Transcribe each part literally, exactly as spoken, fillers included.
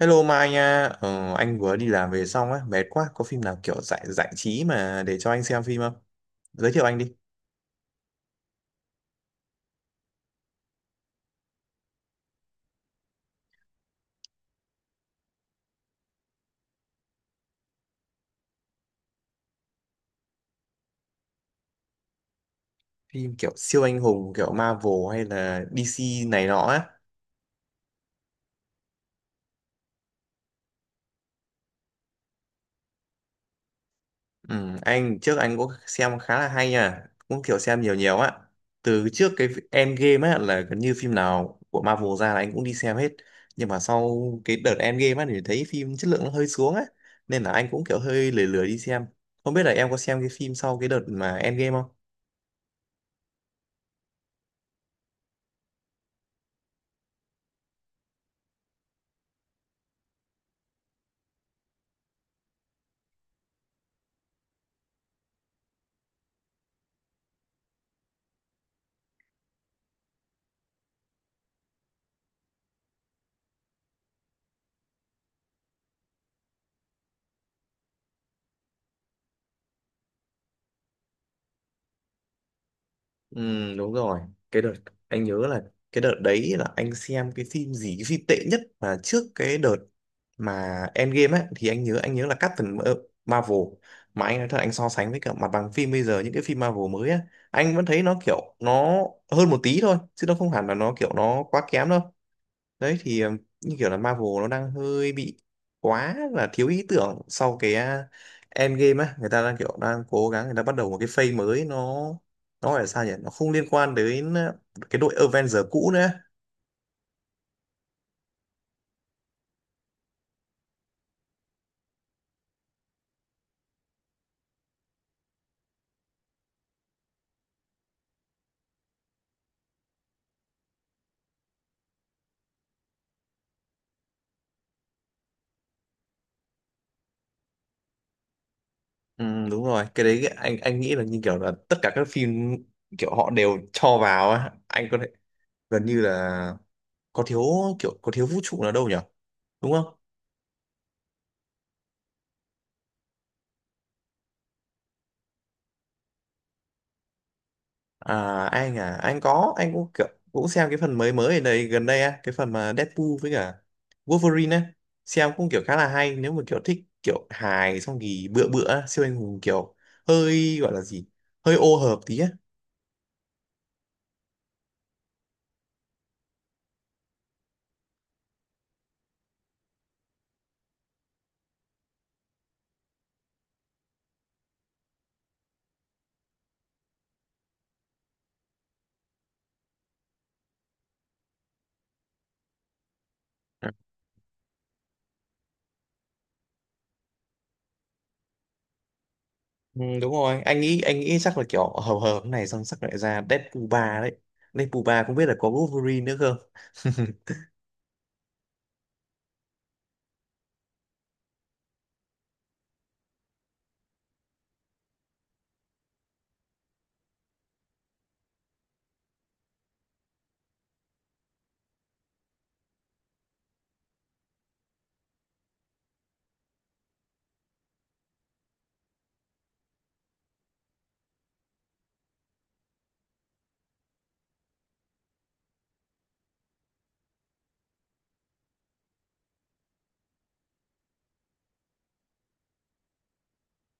Hello Mai nha, ờ, anh vừa đi làm về xong á, mệt quá, có phim nào kiểu giải giải trí mà để cho anh xem phim không? Giới thiệu anh đi, phim kiểu siêu anh hùng, kiểu Marvel hay là đê xê này nọ á. Ừ, anh trước anh cũng xem khá là hay nha, cũng kiểu xem nhiều nhiều á. Từ trước cái Endgame á là gần như phim nào của Marvel ra là anh cũng đi xem hết. Nhưng mà sau cái đợt Endgame á thì thấy phim chất lượng nó hơi xuống á, nên là anh cũng kiểu hơi lười lười đi xem. Không biết là em có xem cái phim sau cái đợt mà Endgame không? Ừ, đúng rồi. Cái đợt anh nhớ là cái đợt đấy là anh xem cái phim gì, cái phim tệ nhất mà trước cái đợt mà Endgame ấy thì anh nhớ anh nhớ là Captain Mar- Marvel. Mà anh nói thật, anh so sánh với cả mặt bằng phim bây giờ, những cái phim Marvel mới á, anh vẫn thấy nó kiểu nó hơn một tí thôi chứ nó không hẳn là nó kiểu nó quá kém đâu. Đấy thì ờ, như kiểu là Marvel nó đang hơi bị quá là thiếu ý tưởng sau cái à, Endgame á, người ta đang kiểu đang cố gắng, người ta bắt đầu một cái phase mới, nó nó gọi là sao nhỉ, nó không liên quan đến ờ, cái đội Avenger cũ nữa. Ừ, đúng rồi, cái đấy anh anh nghĩ là như kiểu là tất cả các phim kiểu họ đều cho vào á, anh có thể gần như là có thiếu, kiểu có thiếu vũ trụ nào đâu nhỉ, đúng không? À, anh à, anh có, anh cũng kiểu, cũng xem cái phần mới mới ở đây gần đây á, cái phần mà Deadpool với cả Wolverine á, xem cũng kiểu khá là hay nếu mà kiểu thích kiểu hài xong thì bựa bựa á, siêu anh hùng kiểu hơi gọi là gì, hơi ô hợp tí á. Ừ, đúng rồi, anh nghĩ anh nghĩ chắc là kiểu hợp hợp này, xong chắc lại ra Deadpool ba đấy. Deadpool ba không biết là có Wolverine nữa không?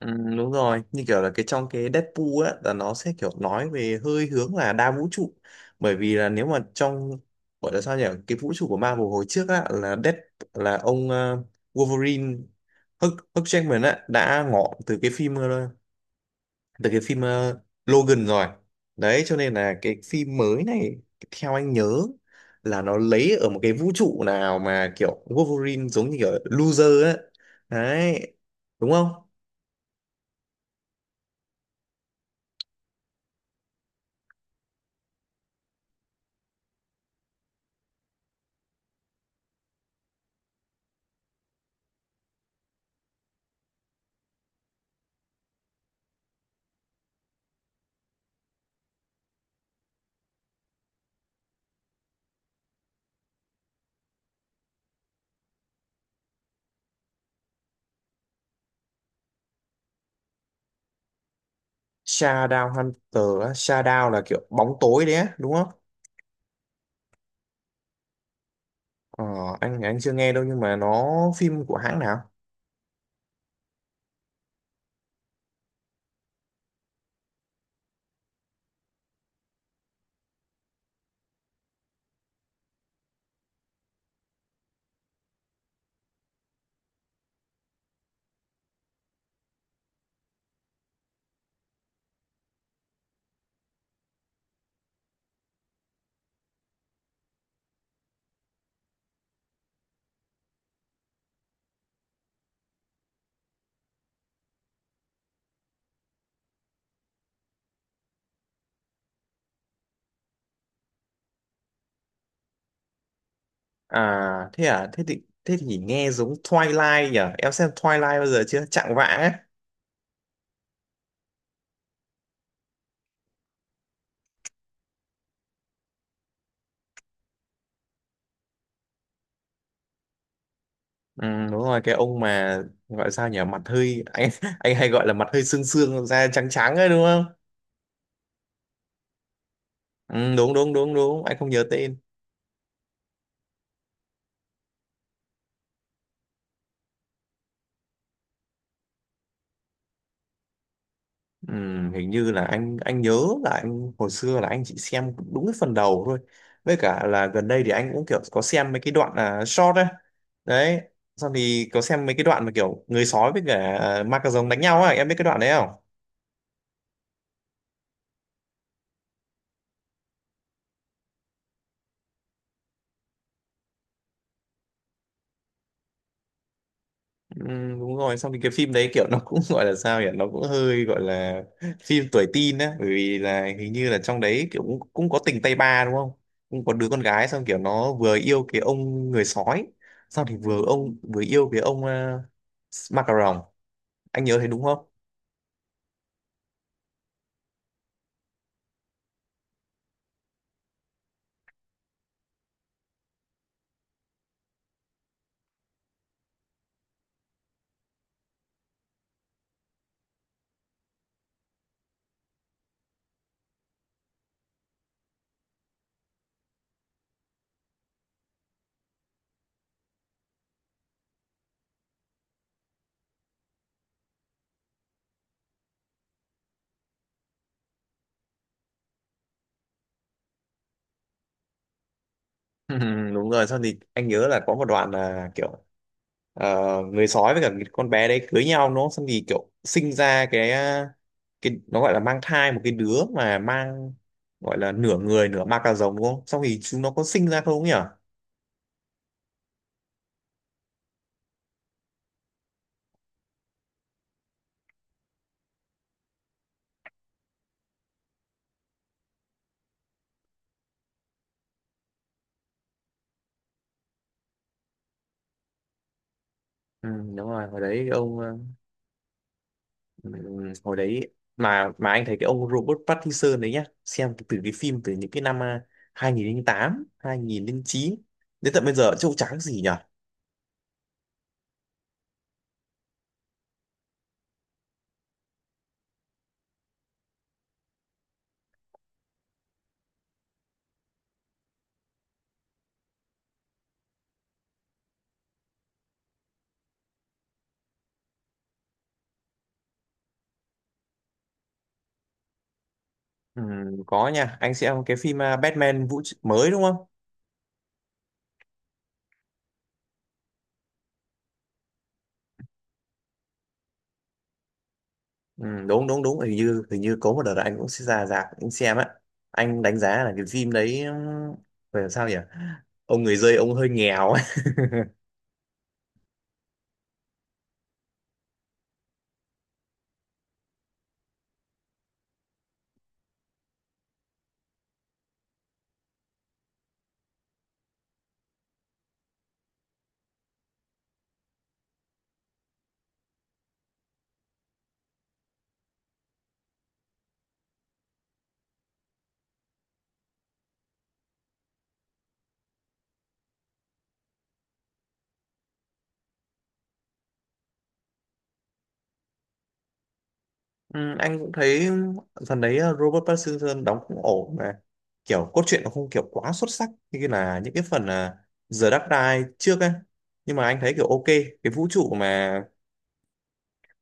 Ừ, đúng rồi, như kiểu là cái trong cái Deadpool á là nó sẽ kiểu nói về hơi hướng là đa vũ trụ. Bởi vì là nếu mà trong gọi là sao nhỉ, cái vũ trụ của Marvel hồi trước á là Dead, là ông ờ, Wolverine, Hugh, Hugh Jackman á, đã ngỏ từ cái phim ờ, từ cái phim ờ, Logan rồi. Đấy cho nên là cái phim mới này, theo anh nhớ là nó lấy ở một cái vũ trụ nào mà kiểu Wolverine giống như kiểu loser á, đấy, đúng không? Shadow Hunter á, Shadow là kiểu bóng tối đấy á, đúng không? Ờ, anh anh chưa nghe đâu, nhưng mà nó phim của hãng nào? À thế à, thế thì thế thì nghe giống Twilight nhỉ? Em xem Twilight bao giờ chưa? Chạng vạng ấy. Ừ, đúng rồi, cái ông mà gọi sao nhỉ, mặt hơi anh anh hay gọi là mặt hơi xương xương da trắng trắng ấy, đúng không? Ừ, đúng đúng đúng đúng, anh không nhớ tên. Ừ, hình như là anh anh nhớ là anh hồi xưa là anh chỉ xem đúng cái phần đầu thôi, với cả là gần đây thì anh cũng kiểu có xem mấy cái đoạn là short đấy. Đấy, xong thì có xem mấy cái đoạn mà kiểu người sói với cả à, ma cà rồng đánh nhau á, em biết cái đoạn đấy không? Ừ, đúng rồi, xong thì cái phim đấy kiểu nó cũng gọi là sao nhỉ, nó cũng hơi gọi là phim tuổi teen á, bởi vì là hình như là trong đấy kiểu cũng, cũng có tình tay ba đúng không, cũng có đứa con gái xong kiểu nó vừa yêu cái ông người sói, xong thì vừa ông vừa yêu cái ông uh, ma, anh nhớ thấy đúng không? Đúng rồi, xong thì anh nhớ là có một đoạn là kiểu ờ, người sói với cả cái con bé đấy cưới nhau nó, xong thì kiểu sinh ra cái ờ, cái nó gọi là mang thai một cái đứa mà mang gọi là nửa người nửa ma cà rồng đúng không, xong thì chúng nó có sinh ra không nhỉ? Ừ, đúng rồi, hồi đấy cái ông ờ, ừ, hồi đấy mà mà anh thấy cái ông Robert Pattinson đấy nhá, xem từ cái phim từ những cái năm ờ, hai không không tám hai không không chín đến tận bây giờ trông trắng gì nhỉ. Ừ, có nha, anh xem cái phim à, Batman vũ tr- mới đúng không. Ừ, đúng đúng đúng, hình như hình như có một đợt là anh cũng sẽ ra rạp anh xem á. Anh đánh giá là cái phim đấy ừm, phải làm sao nhỉ, ông người dơi ông hơi nghèo ấy. Ừ, anh cũng thấy phần đấy à, Robert Pattinson đóng cũng ổn, mà kiểu cốt truyện nó không kiểu quá xuất sắc như cái là những cái phần à, The Dark Knight trước á, nhưng mà anh thấy kiểu ok. Cái vũ trụ mà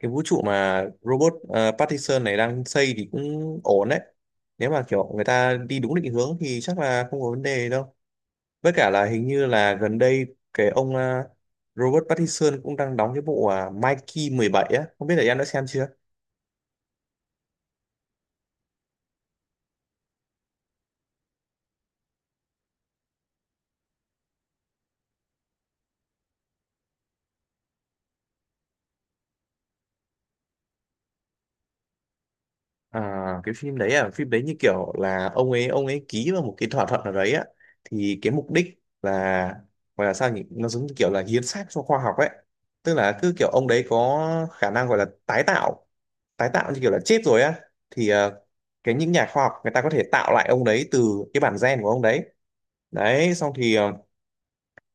cái vũ trụ mà robot ờ, Pattinson này đang xây thì cũng ổn đấy, nếu mà kiểu người ta đi đúng định hướng thì chắc là không có vấn đề đâu. Với cả là hình như là gần đây cái ông ờ, Robert Pattinson cũng đang đóng cái bộ à, Mikey mười bảy á, không biết là em đã xem chưa. À, cái phim đấy à, phim đấy như kiểu là ông ấy ông ấy ký vào một cái thỏa thuận nào đấy á, thì cái mục đích là gọi là sao nhỉ, nó giống như kiểu là hiến xác cho khoa học ấy. Tức là cứ kiểu ông đấy có khả năng gọi là tái tạo, tái tạo như kiểu là chết rồi á, thì ờ, cái những nhà khoa học người ta có thể tạo lại ông đấy từ cái bản gen của ông đấy. Đấy xong thì ờ,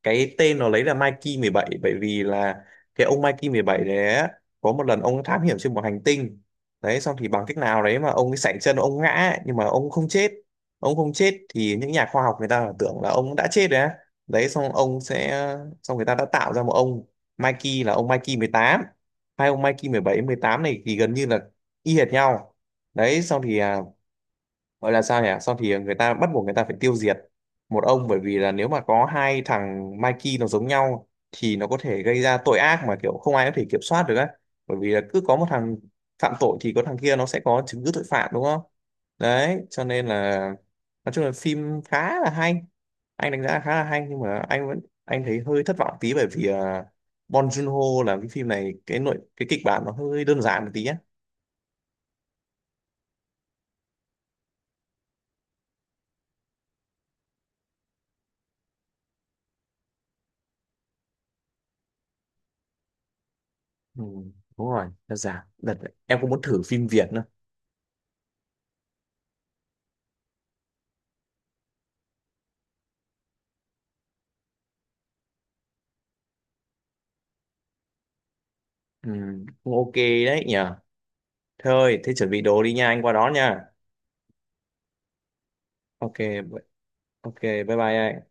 cái tên nó lấy là Mikey mười bảy, bởi vì là cái ông Mikey mười bảy đấy á, có một lần ông thám hiểm trên một hành tinh, đấy xong thì bằng cách nào đấy mà ông ấy sảy chân ông ngã ấy, nhưng mà ông không chết. Ông không chết thì những nhà khoa học người ta tưởng là ông đã chết rồi á. Đấy xong ông sẽ, xong người ta đã tạo ra một ông Mikey là ông Mikey mười tám. Hai ông Mikey mười bảy mười tám này thì gần như là y hệt nhau. Đấy xong thì à, gọi là sao nhỉ, xong thì người ta bắt buộc người ta phải tiêu diệt một ông, bởi vì là nếu mà có hai thằng Mikey nó giống nhau thì nó có thể gây ra tội ác mà kiểu không ai có thể kiểm soát được á. Bởi vì là cứ có một thằng phạm tội thì có thằng kia nó sẽ có chứng cứ tội phạm đúng không. Đấy cho nên là nói chung là phim khá là hay, anh đánh giá khá là hay, nhưng mà anh vẫn anh thấy hơi thất vọng tí bởi vì à, Bong Joon-ho làm cái phim này cái nội cái kịch bản nó hơi đơn giản một tí á. Ừ, đúng rồi, đơn giản. Đợt, em cũng muốn thử phim Việt nữa. Ừ, cũng ok đấy nhỉ. Thôi, thế chuẩn bị đồ đi nha, anh qua đón nha. Ok, b- ok, bye bye anh.